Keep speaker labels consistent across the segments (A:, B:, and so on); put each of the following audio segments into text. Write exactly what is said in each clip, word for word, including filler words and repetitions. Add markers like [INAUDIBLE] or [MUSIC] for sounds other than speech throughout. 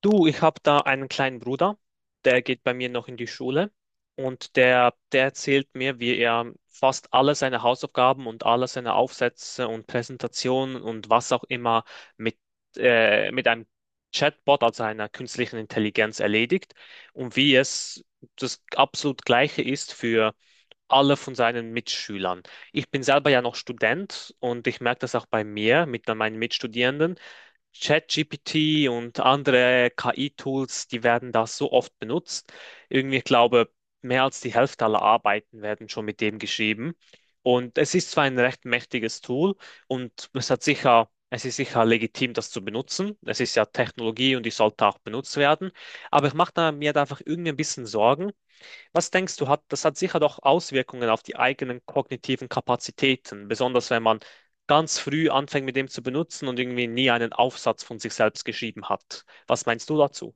A: Du, ich habe da einen kleinen Bruder, der geht bei mir noch in die Schule und der, der erzählt mir, wie er fast alle seine Hausaufgaben und alle seine Aufsätze und Präsentationen und was auch immer mit, äh, mit einem Chatbot, also einer künstlichen Intelligenz, erledigt und wie es das absolut Gleiche ist für alle von seinen Mitschülern. Ich bin selber ja noch Student und ich merke das auch bei mir mit meinen Mitstudierenden. Chat G P T und andere K I-Tools, die werden da so oft benutzt. Irgendwie, ich glaube, mehr als die Hälfte aller Arbeiten werden schon mit dem geschrieben. Und es ist zwar ein recht mächtiges Tool und es hat sicher, es ist sicher legitim, das zu benutzen. Es ist ja Technologie und die sollte auch benutzt werden. Aber ich mache da mir da einfach irgendwie ein bisschen Sorgen, was denkst du, hat, das hat sicher doch Auswirkungen auf die eigenen kognitiven Kapazitäten, besonders wenn man ganz früh anfängt mit dem zu benutzen und irgendwie nie einen Aufsatz von sich selbst geschrieben hat. Was meinst du dazu?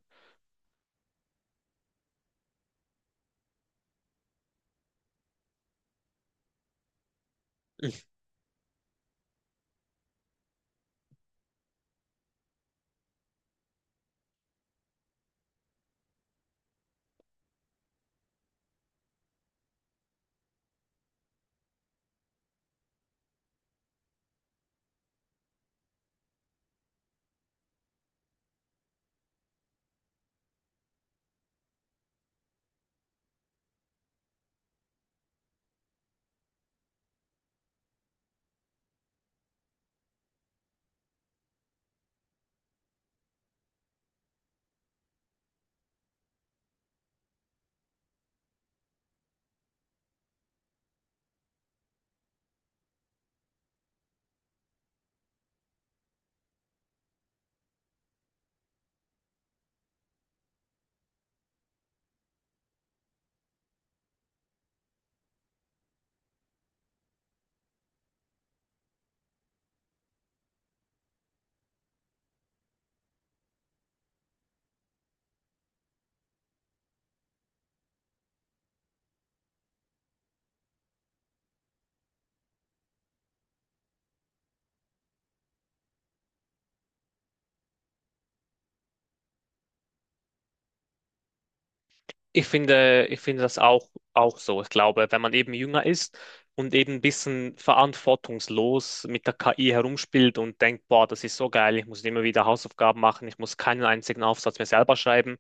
A: Ich finde, ich finde das auch, auch so. Ich glaube, wenn man eben jünger ist und eben ein bisschen verantwortungslos mit der K I herumspielt und denkt, boah, das ist so geil, ich muss immer wieder Hausaufgaben machen, ich muss keinen einzigen Aufsatz mehr selber schreiben,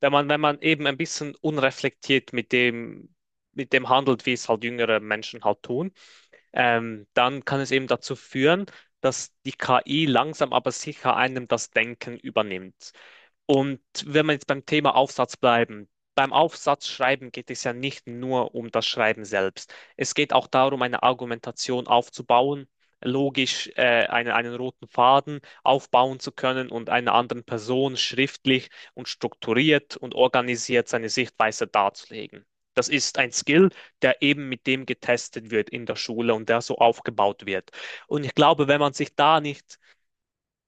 A: wenn man, wenn man eben ein bisschen unreflektiert mit dem, mit dem handelt, wie es halt jüngere Menschen halt tun, ähm, dann kann es eben dazu führen, dass die K I langsam aber sicher einem das Denken übernimmt. Und wenn wir jetzt beim Thema Aufsatz bleiben, beim Aufsatzschreiben geht es ja nicht nur um das Schreiben selbst. Es geht auch darum, eine Argumentation aufzubauen, logisch äh, einen, einen roten Faden aufbauen zu können und einer anderen Person schriftlich und strukturiert und organisiert seine Sichtweise darzulegen. Das ist ein Skill, der eben mit dem getestet wird in der Schule und der so aufgebaut wird. Und ich glaube, wenn man sich da nicht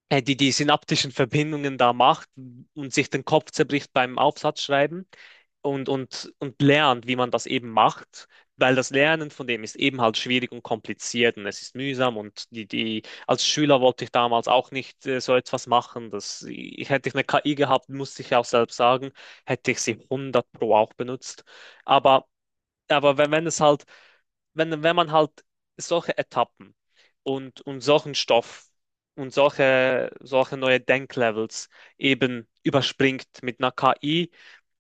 A: äh, die die synaptischen Verbindungen da macht und sich den Kopf zerbricht beim Aufsatzschreiben und, und, und lernt, wie man das eben macht, weil das Lernen von dem ist eben halt schwierig und kompliziert und es ist mühsam und die, die, als Schüler wollte ich damals auch nicht äh, so etwas machen. Das, ich, hätte ich eine K I gehabt, musste ich auch selbst sagen, hätte ich sie hundert pro auch benutzt. Aber, aber wenn, wenn es halt wenn, wenn man halt solche Etappen und, und solchen Stoff und solche, solche neue Denklevels eben überspringt mit einer K I,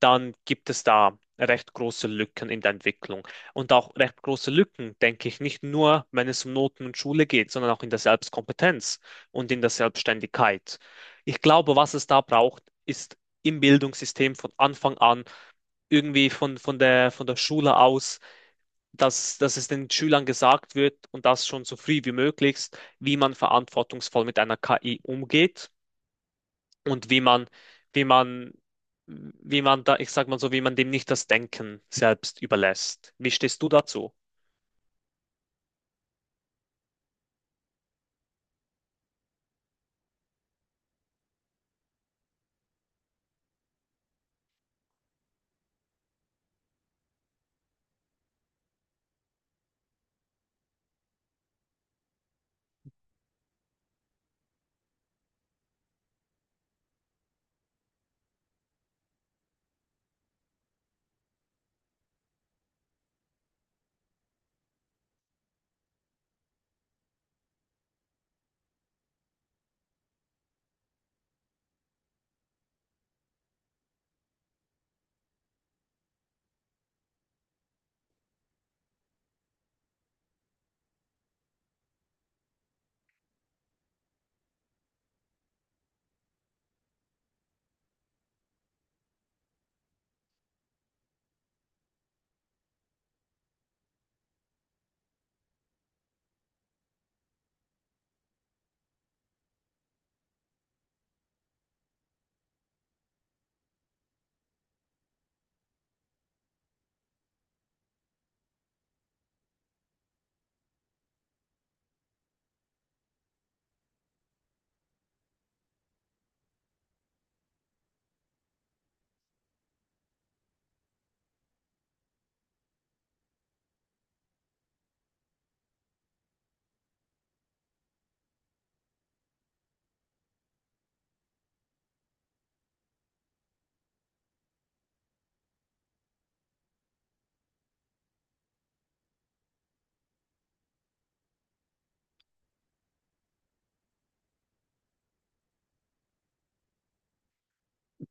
A: dann gibt es da recht große Lücken in der Entwicklung. Und auch recht große Lücken, denke ich, nicht nur, wenn es um Noten und Schule geht, sondern auch in der Selbstkompetenz und in der Selbstständigkeit. Ich glaube, was es da braucht, ist im Bildungssystem von Anfang an, irgendwie von, von der, von der Schule aus, dass, dass es den Schülern gesagt wird und das schon so früh wie möglich, wie man verantwortungsvoll mit einer K I umgeht und wie man, wie man, wie man da, ich sag mal so, wie man dem nicht das Denken selbst überlässt. Wie stehst du dazu?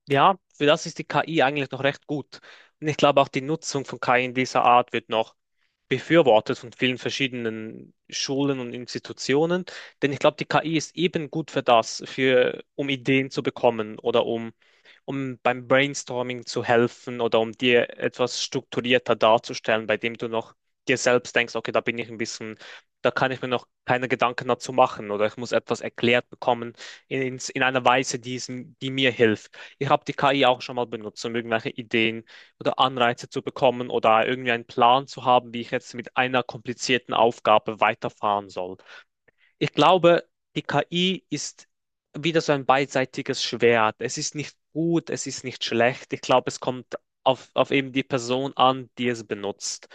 A: Ja, für das ist die K I eigentlich noch recht gut. Und ich glaube auch die Nutzung von K I in dieser Art wird noch befürwortet von vielen verschiedenen Schulen und Institutionen. Denn ich glaube, die K I ist eben gut für das, für, um Ideen zu bekommen oder um um beim Brainstorming zu helfen oder um dir etwas strukturierter darzustellen, bei dem du noch dir selbst denkst, okay, da bin ich ein bisschen, da kann ich mir noch keine Gedanken dazu machen oder ich muss etwas erklärt bekommen in, in einer Weise, die, es- die mir hilft. Ich habe die K I auch schon mal benutzt, um irgendwelche Ideen oder Anreize zu bekommen oder irgendwie einen Plan zu haben, wie ich jetzt mit einer komplizierten Aufgabe weiterfahren soll. Ich glaube, die K I ist wieder so ein beidseitiges Schwert. Es ist nicht gut, es ist nicht schlecht. Ich glaube, es kommt auf, auf eben die Person an, die es benutzt.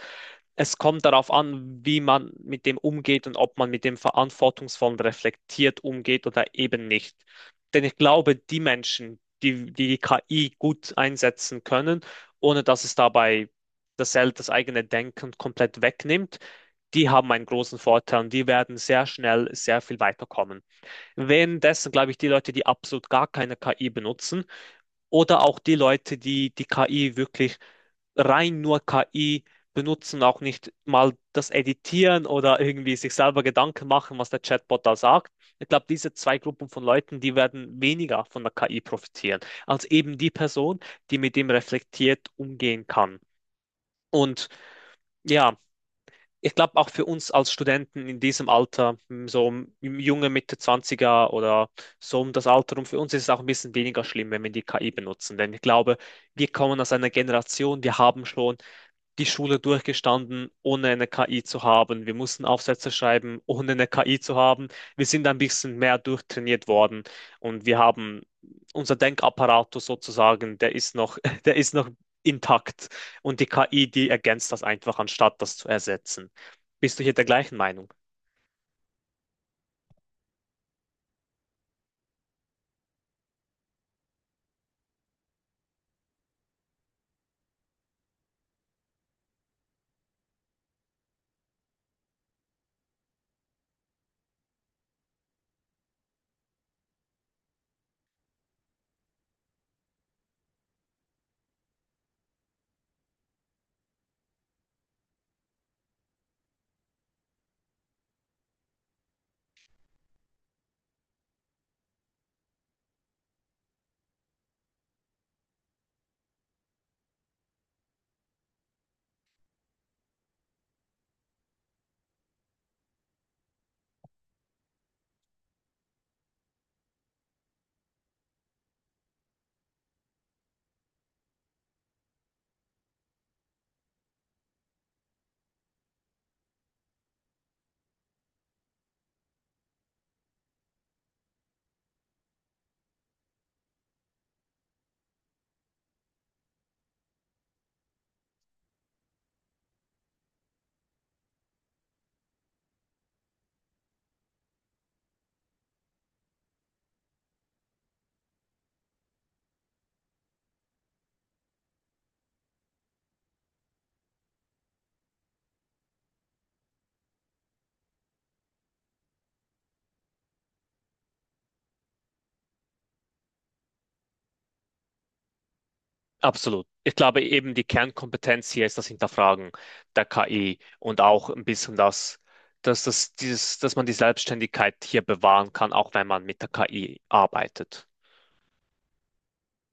A: Es kommt darauf an, wie man mit dem umgeht und ob man mit dem verantwortungsvoll und reflektiert umgeht oder eben nicht. Denn ich glaube, die Menschen, die die, die K I gut einsetzen können, ohne dass es dabei das, das eigene Denken komplett wegnimmt, die haben einen großen Vorteil und die werden sehr schnell sehr viel weiterkommen. Währenddessen glaube ich, die Leute, die absolut gar keine K I benutzen oder auch die Leute, die die K I wirklich rein nur K I benutzen, auch nicht mal das Editieren oder irgendwie sich selber Gedanken machen, was der Chatbot da sagt. Ich glaube, diese zwei Gruppen von Leuten, die werden weniger von der K I profitieren, als eben die Person, die mit dem reflektiert umgehen kann. Und ja, ich glaube auch für uns als Studenten in diesem Alter, hm, so im im junge Mitte Zwanziger oder so um das Alter rum, für uns ist es auch ein bisschen weniger schlimm, wenn wir die K I benutzen. Denn ich glaube, wir kommen aus einer Generation, wir haben schon die Schule durchgestanden, ohne eine K I zu haben. Wir mussten Aufsätze schreiben, ohne eine K I zu haben. Wir sind ein bisschen mehr durchtrainiert worden und wir haben unser Denkapparatus sozusagen, der ist noch, [LAUGHS] der ist noch intakt und die K I, die ergänzt das einfach, anstatt das zu ersetzen. Bist du hier der gleichen Meinung? Absolut. Ich glaube eben die Kernkompetenz hier ist das Hinterfragen der K I und auch ein bisschen das, dass, dass, dieses, dass man die Selbstständigkeit hier bewahren kann, auch wenn man mit der K I arbeitet.